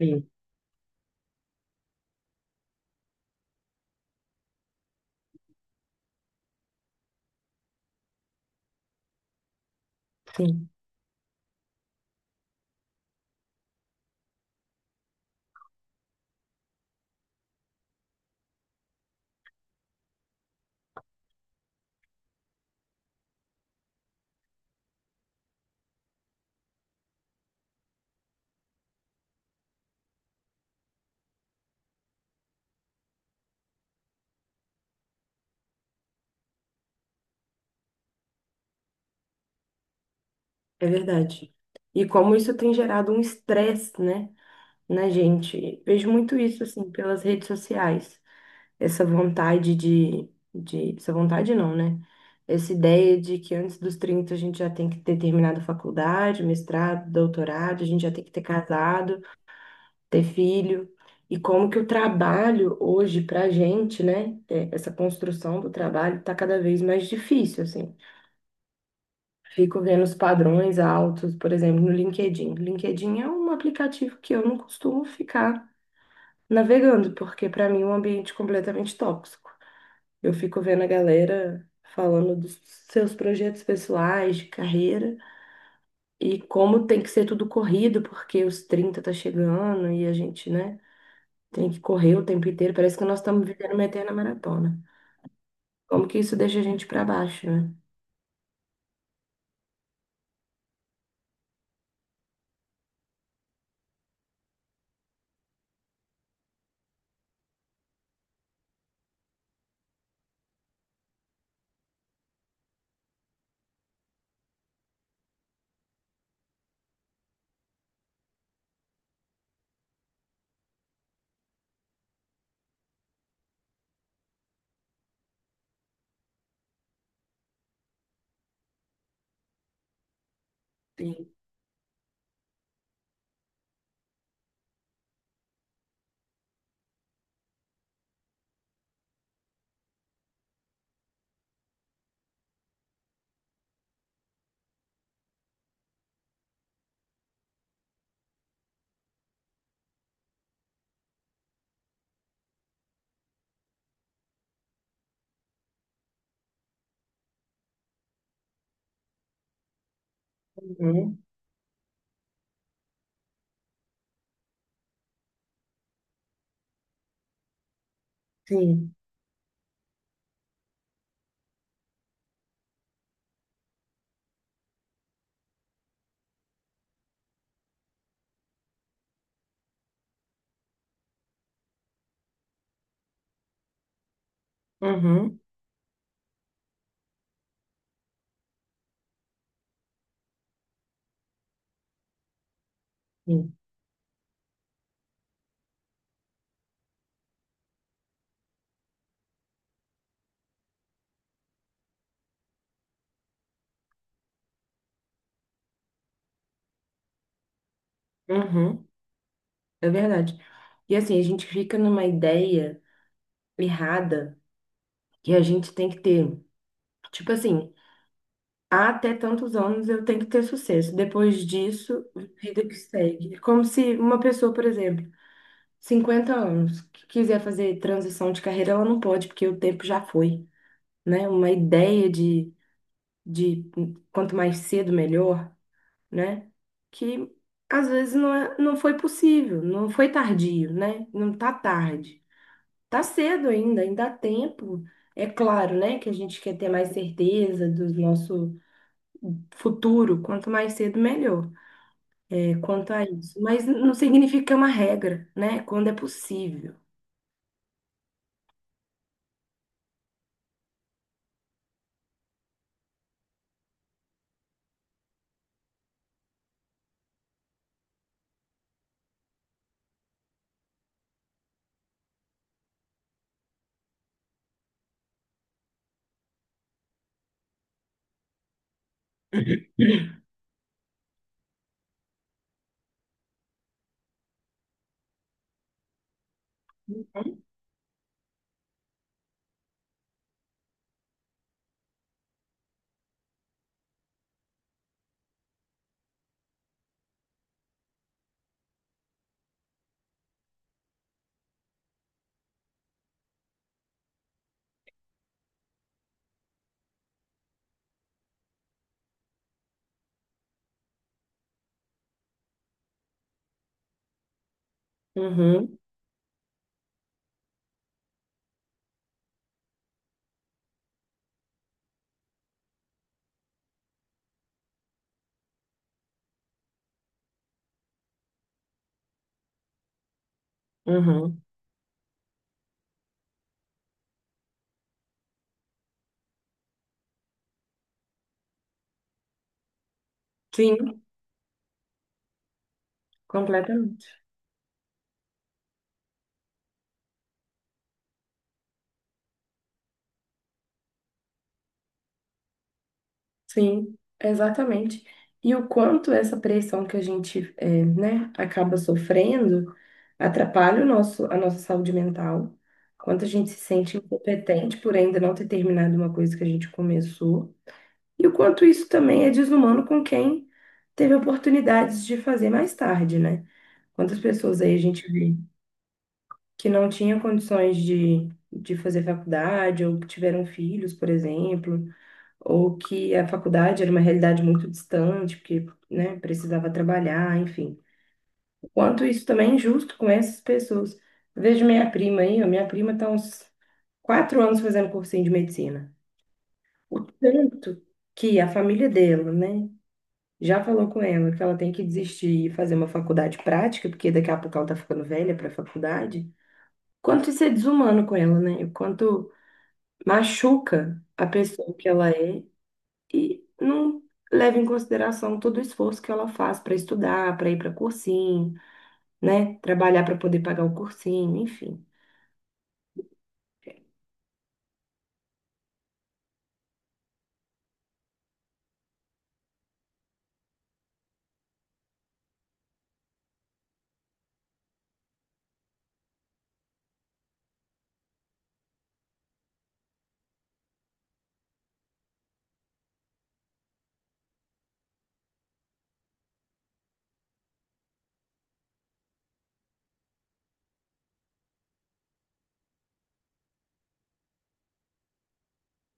Sim, sim, é verdade. E como isso tem gerado um estresse, né, na gente. Vejo muito isso, assim, pelas redes sociais. Essa vontade de, Essa vontade não, né? Essa ideia de que antes dos 30 a gente já tem que ter terminado faculdade, mestrado, doutorado, a gente já tem que ter casado, ter filho. E como que o trabalho hoje pra gente, né, essa construção do trabalho tá cada vez mais difícil, assim. Fico vendo os padrões altos, por exemplo, no LinkedIn. LinkedIn é um aplicativo que eu não costumo ficar navegando, porque para mim é um ambiente completamente tóxico. Eu fico vendo a galera falando dos seus projetos pessoais, de carreira, e como tem que ser tudo corrido, porque os 30 tá chegando e a gente, né, tem que correr o tempo inteiro. Parece que nós estamos vivendo uma eterna maratona. Como que isso deixa a gente para baixo, né? Sim. Uhum. Sim. Uhum. Sim. Uhum. É verdade. E assim, a gente fica numa ideia errada que a gente tem que ter. Tipo assim, "Ah, até tantos anos eu tenho que ter sucesso. Depois disso, vida que segue." É como se uma pessoa, por exemplo, 50 anos, que quiser fazer transição de carreira, ela não pode, porque o tempo já foi, né? Uma ideia de, de quanto mais cedo, melhor, né? Que às vezes não foi possível, não foi tardio, né? Não tá tarde. Tá cedo ainda, ainda há tempo. É claro, né, que a gente quer ter mais certeza do nosso futuro, quanto mais cedo, melhor. É, quanto a isso. Mas não significa que é uma regra, né? Quando é possível. Uhum, uhum. Sim, completamente. Sim, exatamente. E o quanto essa pressão que a gente, né, acaba sofrendo atrapalha a nossa saúde mental. Quanto a gente se sente incompetente por ainda não ter terminado uma coisa que a gente começou. E o quanto isso também é desumano com quem teve oportunidades de fazer mais tarde, né? Quantas pessoas aí a gente vê que não tinham condições de fazer faculdade, ou que tiveram filhos, por exemplo, ou que a faculdade era uma realidade muito distante, porque, né, precisava trabalhar, enfim. O quanto isso também é injusto com essas pessoas. Eu vejo minha prima aí, ó, minha prima está uns 4 anos fazendo cursinho de medicina. O tanto que a família dela, né? Já falou com ela que ela tem que desistir e fazer uma faculdade prática, porque daqui a pouco ela tá ficando velha para faculdade. Quanto isso é desumano com ela, né? O quanto machuca a pessoa que ela é e não leva em consideração todo o esforço que ela faz para estudar, para ir para cursinho, né? Trabalhar para poder pagar o cursinho, enfim.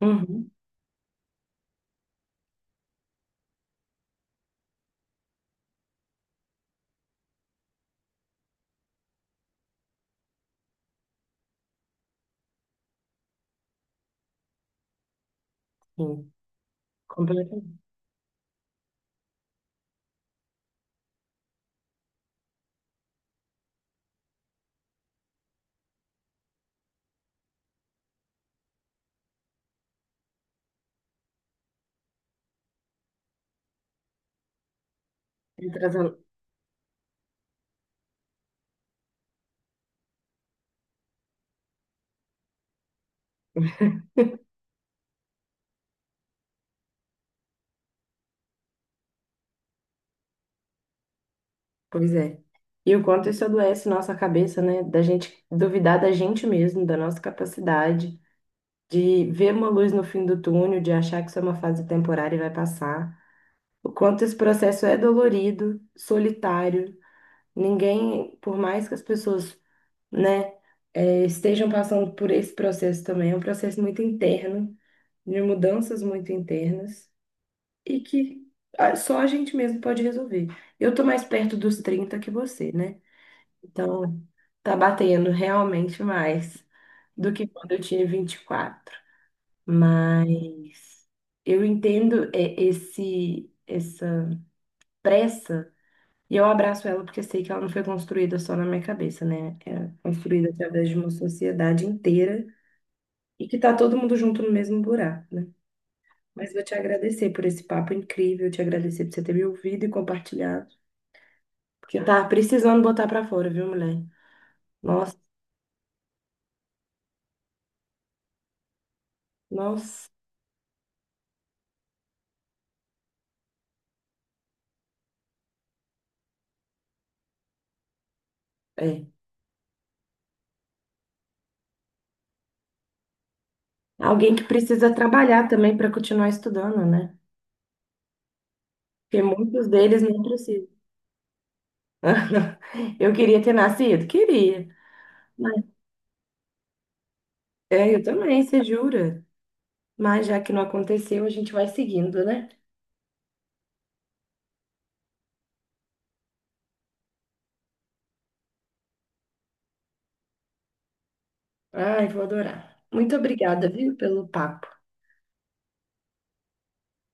Uhum, sim, completamente. Atrasando- Pois é. E o quanto isso adoece nossa cabeça, né? Da gente duvidar da gente mesmo, da nossa capacidade. De ver uma luz no fim do túnel, de achar que isso é uma fase temporária e vai passar. O quanto esse processo é dolorido, solitário. Ninguém, por mais que as pessoas, né, estejam passando por esse processo também, é um processo muito interno, de mudanças muito internas, e que só a gente mesmo pode resolver. Eu tô mais perto dos 30 que você, né? Então, tá batendo realmente mais do que quando eu tinha 24. Mas eu entendo esse essa pressa e eu abraço ela porque sei que ela não foi construída só na minha cabeça, né? É construída através de uma sociedade inteira e que tá todo mundo junto no mesmo buraco, né? Mas vou te agradecer por esse papo incrível, te agradecer por você ter me ouvido e compartilhado, porque eu tava precisando botar pra fora, viu, mulher? Nossa, nossa, é. Alguém que precisa trabalhar também para continuar estudando, né? Porque muitos deles não precisam. Eu queria ter nascido? Queria. Mas- É, eu também, você jura? Mas já que não aconteceu, a gente vai seguindo, né? Ai, vou adorar. Muito obrigada, viu, pelo papo.